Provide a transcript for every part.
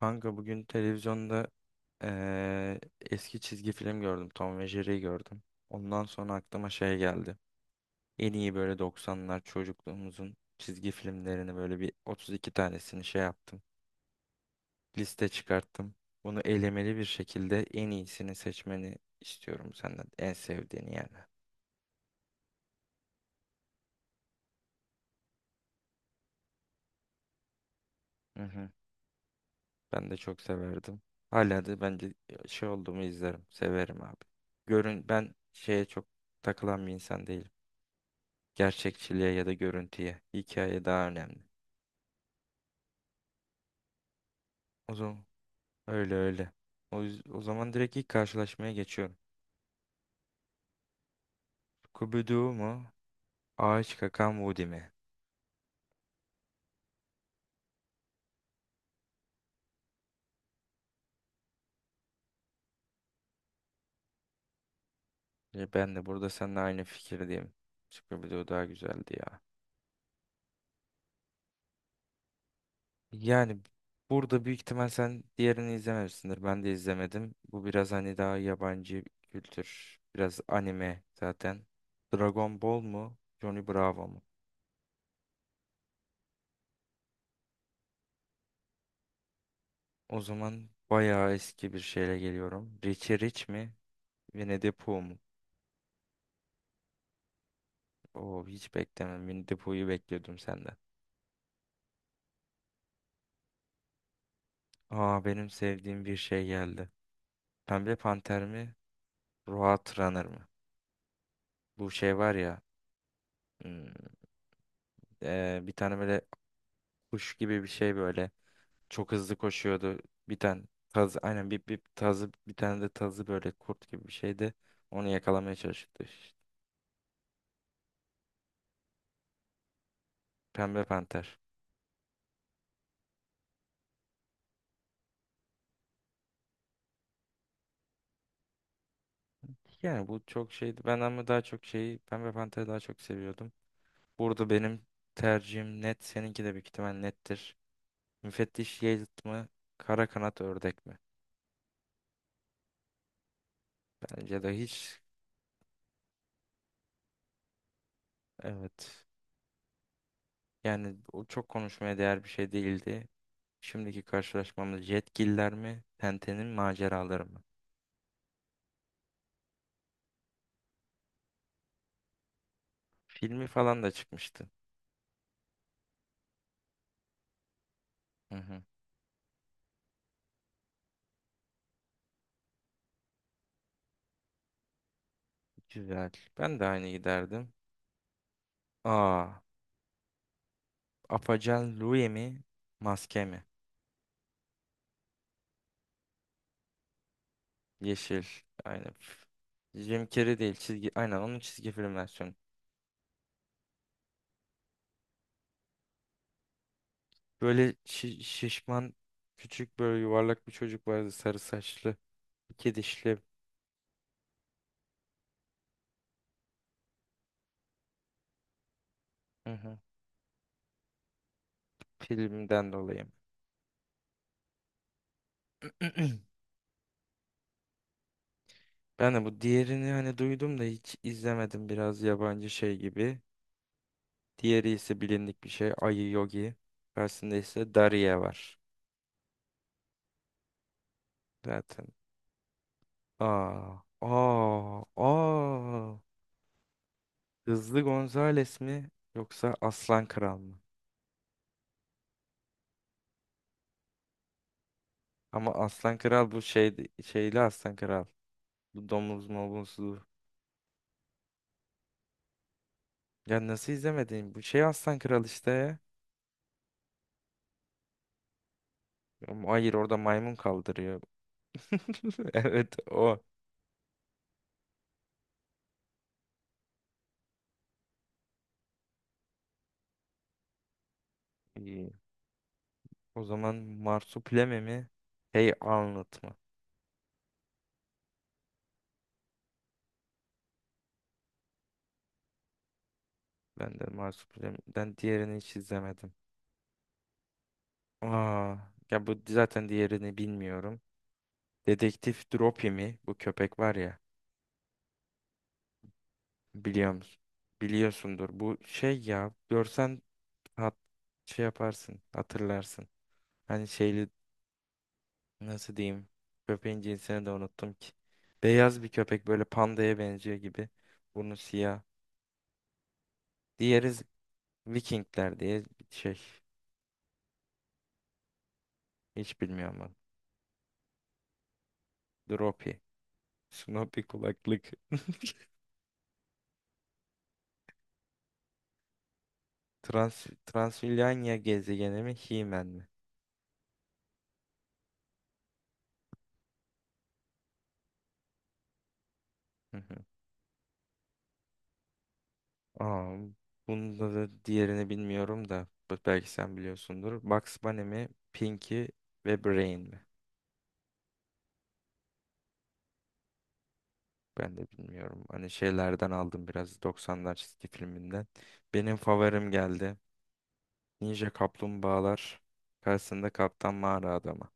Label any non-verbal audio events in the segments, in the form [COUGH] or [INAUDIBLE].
Kanka bugün televizyonda eski çizgi film gördüm. Tom ve Jerry'yi gördüm. Ondan sonra aklıma şey geldi. En iyi böyle 90'lar çocukluğumuzun çizgi filmlerini böyle bir 32 tanesini şey yaptım. Liste çıkarttım. Bunu elemeli bir şekilde en iyisini seçmeni istiyorum senden. En sevdiğini yani. Hı hı. Ben de çok severdim. Hala da bence şey olduğumu izlerim. Severim abi. Görün ben şeye çok takılan bir insan değilim. Gerçekçiliğe ya da görüntüye. Hikaye daha önemli. O zaman öyle öyle. O zaman direkt ilk karşılaşmaya geçiyorum. Scooby-Doo mu? Ağaç kakan Woody mi? Ben de burada seninle aynı fikirdeyim. Scooby-Doo daha güzeldi ya. Yani burada büyük ihtimal sen diğerini izlememişsindir. Ben de izlemedim. Bu biraz hani daha yabancı kültür. Biraz anime zaten. Dragon Ball mu? Johnny Bravo mu? O zaman bayağı eski bir şeyle geliyorum. Richie Rich mi? Winnie the Pooh mu? Oo, hiç beklemem. Winnie the Pooh'yu bekliyordum senden. Aa, benim sevdiğim bir şey geldi. Pembe Panter mi? Roadrunner Runner mı? Bu şey var ya. hmm, Bir tane böyle kuş gibi bir şey böyle. Çok hızlı koşuyordu. Bir tane tazı. Aynen bir tazı. Bir tane de tazı böyle kurt gibi bir şeydi. Onu yakalamaya çalışıyordu işte. Pembe Panter. Yani bu çok şeydi. Ben ama daha çok şeyi Pembe Panter'i daha çok seviyordum. Burada benim tercihim net. Seninki de büyük ihtimal nettir. Müfettiş Yiğit mi? Kara kanat ördek mi? Bence de hiç, evet. Yani o çok konuşmaya değer bir şey değildi. Şimdiki karşılaşmamız Jetgiller mi? Tenten'in maceraları mı? Filmi falan da çıkmıştı. Hı hı. Güzel. Ben de aynı giderdim. Aa, Apacan Louie mi? Maske mi? Yeşil. Aynen. Jim Carrey değil. Çizgi. Aynen onun çizgi film versiyonu. Böyle şişman küçük böyle yuvarlak bir çocuk vardı sarı saçlı. İki dişli. Hı hı. Filmden dolayı. [CLEARS THROAT] Ben de bu diğerini hani duydum da hiç izlemedim. Biraz yabancı şey gibi. Diğeri ise bilindik bir şey. Ayı Yogi. Karşısında ise Daria var. Zaten. Aa, aa, aa. Hızlı Gonzales mi yoksa Aslan Kral mı? Ama Aslan Kral bu şey şeyli Aslan Kral. Bu domuz mobuzlu. Ya nasıl izlemedin? Bu şey Aslan Kral işte. Ama hayır, orada maymun kaldırıyor. [LAUGHS] Evet, o. İyi. O zaman Marsupilami mi? Hey Arnold mı? Ben de Marsupilami'den diğerini hiç izlemedim. Aa, ya bu zaten diğerini bilmiyorum. Dedektif Dropi mi? Bu köpek var ya. Biliyor musun? Biliyorsundur. Bu şey ya. Görsen hat, şey yaparsın. Hatırlarsın. Hani şeyli, nasıl diyeyim? Köpeğin cinsini de unuttum ki. Beyaz bir köpek, böyle pandaya benziyor gibi. Burnu siyah. Diğeri Vikingler diye bir şey. Hiç bilmiyorum ben. Dropi. Snoopy kulaklık. [LAUGHS] Transilvanya gezegeni mi? He-Man mi? Hı hı. Aa, bunda da diğerini bilmiyorum da belki sen biliyorsundur. Bugs Bunny mi? Pinky ve Brain mi? Ben de bilmiyorum. Hani şeylerden aldım biraz, 90'lar çizgi filminden. Benim favorim geldi. Ninja Kaplumbağalar. Karşısında Kaptan Mağara Adamı.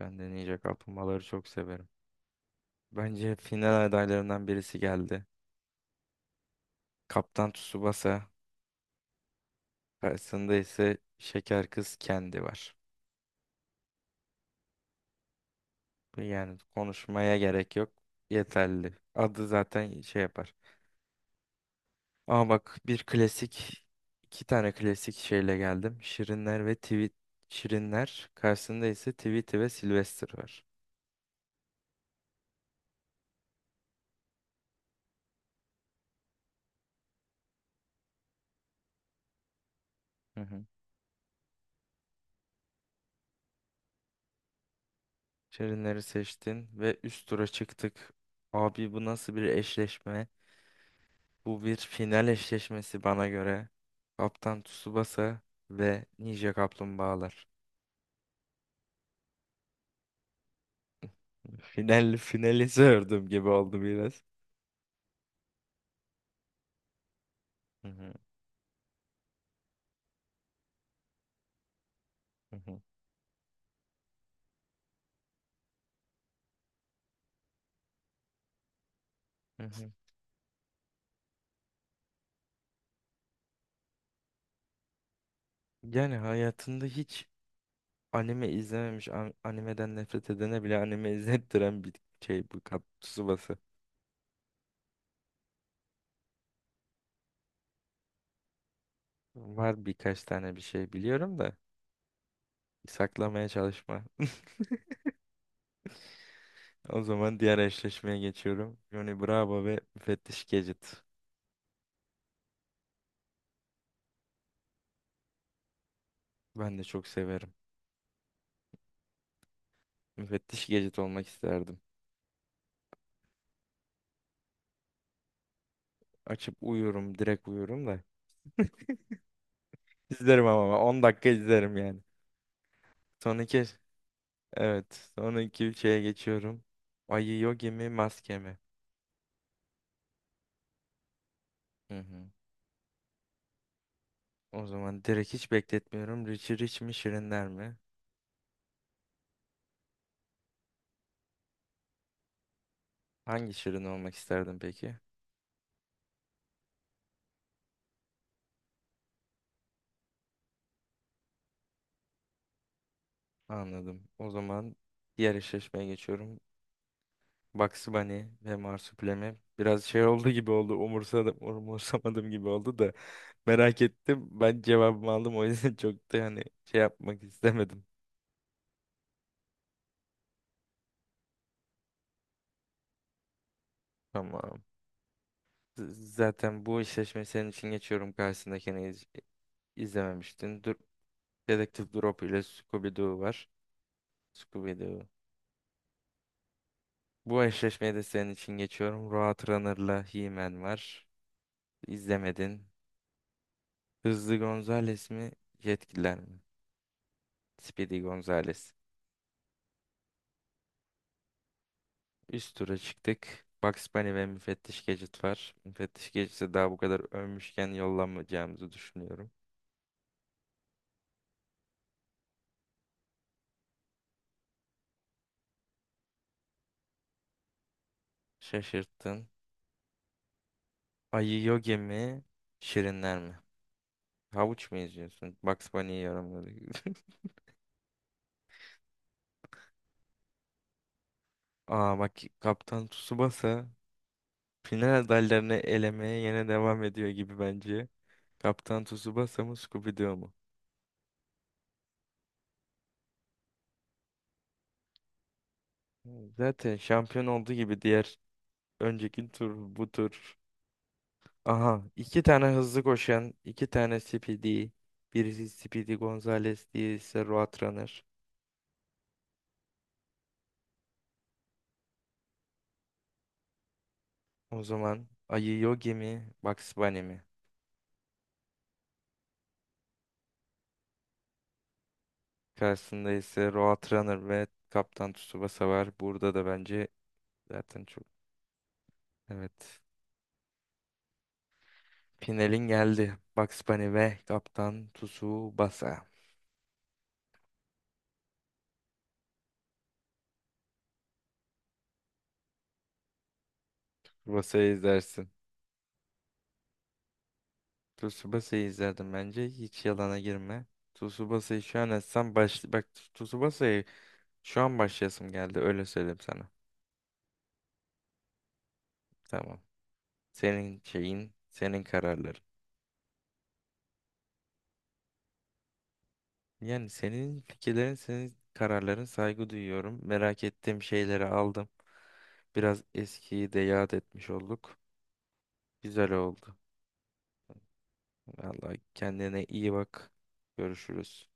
Ben de Ninja Kaplumbağaları çok severim. Bence final adaylarından birisi geldi. Kaptan Tsubasa karşısında ise Şeker Kız Kendi var. Bu, yani konuşmaya gerek yok. Yeterli. Adı zaten şey yapar. Ama bak, bir klasik iki tane klasik şeyle geldim. Şirinler ve Şirinler karşısında ise Tweety ve Sylvester var. Hı hı. Şirinleri seçtin ve üst tura çıktık. Abi bu nasıl bir eşleşme? Bu bir final eşleşmesi bana göre. Kaptan Tsubasa ve Ninja Kaplumbağalar. Finali sordum gibi oldu biraz. Hı hı, hı hı, hı hı. Yani hayatında hiç anime izlememiş, animeden nefret edene bile anime izlettiren bir şey bu Kaptan Tsubasa. Var birkaç tane bir şey biliyorum da, saklamaya çalışma. O zaman diğer eşleşmeye geçiyorum. Johnny Bravo ve Müfettiş Gadget. Ben de çok severim. Müfettiş Gadget olmak isterdim. Açıp uyurum. Direkt uyurum da. İzlerim ama 10 dakika izlerim yani. Sonraki, evet. Sonraki şeye geçiyorum. Ayı Yogi mi, maske mi? Hı hı. O zaman direkt hiç bekletmiyorum. Richie Rich mi, Şirinler mi? Hangi Şirin olmak isterdin peki? Anladım. O zaman diğer eşleşmeye geçiyorum. Bugs Bunny ve Marsupilami. Biraz şey oldu gibi oldu. Umursadım, umursamadım gibi oldu da. Merak ettim. Ben cevabımı aldım. O yüzden [LAUGHS] çok da hani şey yapmak istemedim. Tamam. Zaten bu eşleşmeyi senin için geçiyorum. Karşısındakini izlememiştin. Dur, Dedektif Drop ile Scooby-Doo var. Scooby-Doo. Bu eşleşmeyi de senin için geçiyorum. Roadrunner'la He-Man var. İzlemedin. Hızlı Gonzales mi? Yetkililer mi? Speedy Gonzales. Üst tura çıktık. Bugs Bunny ve Müfettiş Gadget var. Müfettiş Gadget'i daha bu kadar övmüşken yollamayacağımızı düşünüyorum. Şaşırttın. Ayı Yogi mi? Şirinler mi? Havuç mu eziyorsun? Bugs Bunny'yi yorumladı. [LAUGHS] Aa bak, Kaptan Tsubasa final adaylarını elemeye yine devam ediyor gibi bence. Kaptan Tsubasa mı, Scooby-Doo mu? Zaten şampiyon olduğu gibi diğer, önceki tur, bu tur. Aha, iki tane hızlı koşan, iki tane Speedy. Birisi Speedy Gonzales, diğerisi Roadrunner. O zaman Ayı Yogi mi, Bugs Bunny mi? Karşısında ise Roadrunner ve Kaptan Tsubasa var. Burada da bence zaten çok, evet. Finalin geldi. Bugs Bunny ve Kaptan Tsubasa. Tsubasa'yı izlersin. Tsubasa'yı izlerdim bence. Hiç yalana girme. Tsubasa'yı şu an etsem baş... Bak, Tsubasa'yı şu an başlayasım geldi. Öyle söyleyeyim sana. Tamam. Senin şeyin, senin kararların. Yani senin fikirlerin, senin kararların, saygı duyuyorum. Merak ettiğim şeyleri aldım. Biraz eskiyi de yad etmiş olduk. Güzel oldu. Vallahi kendine iyi bak. Görüşürüz.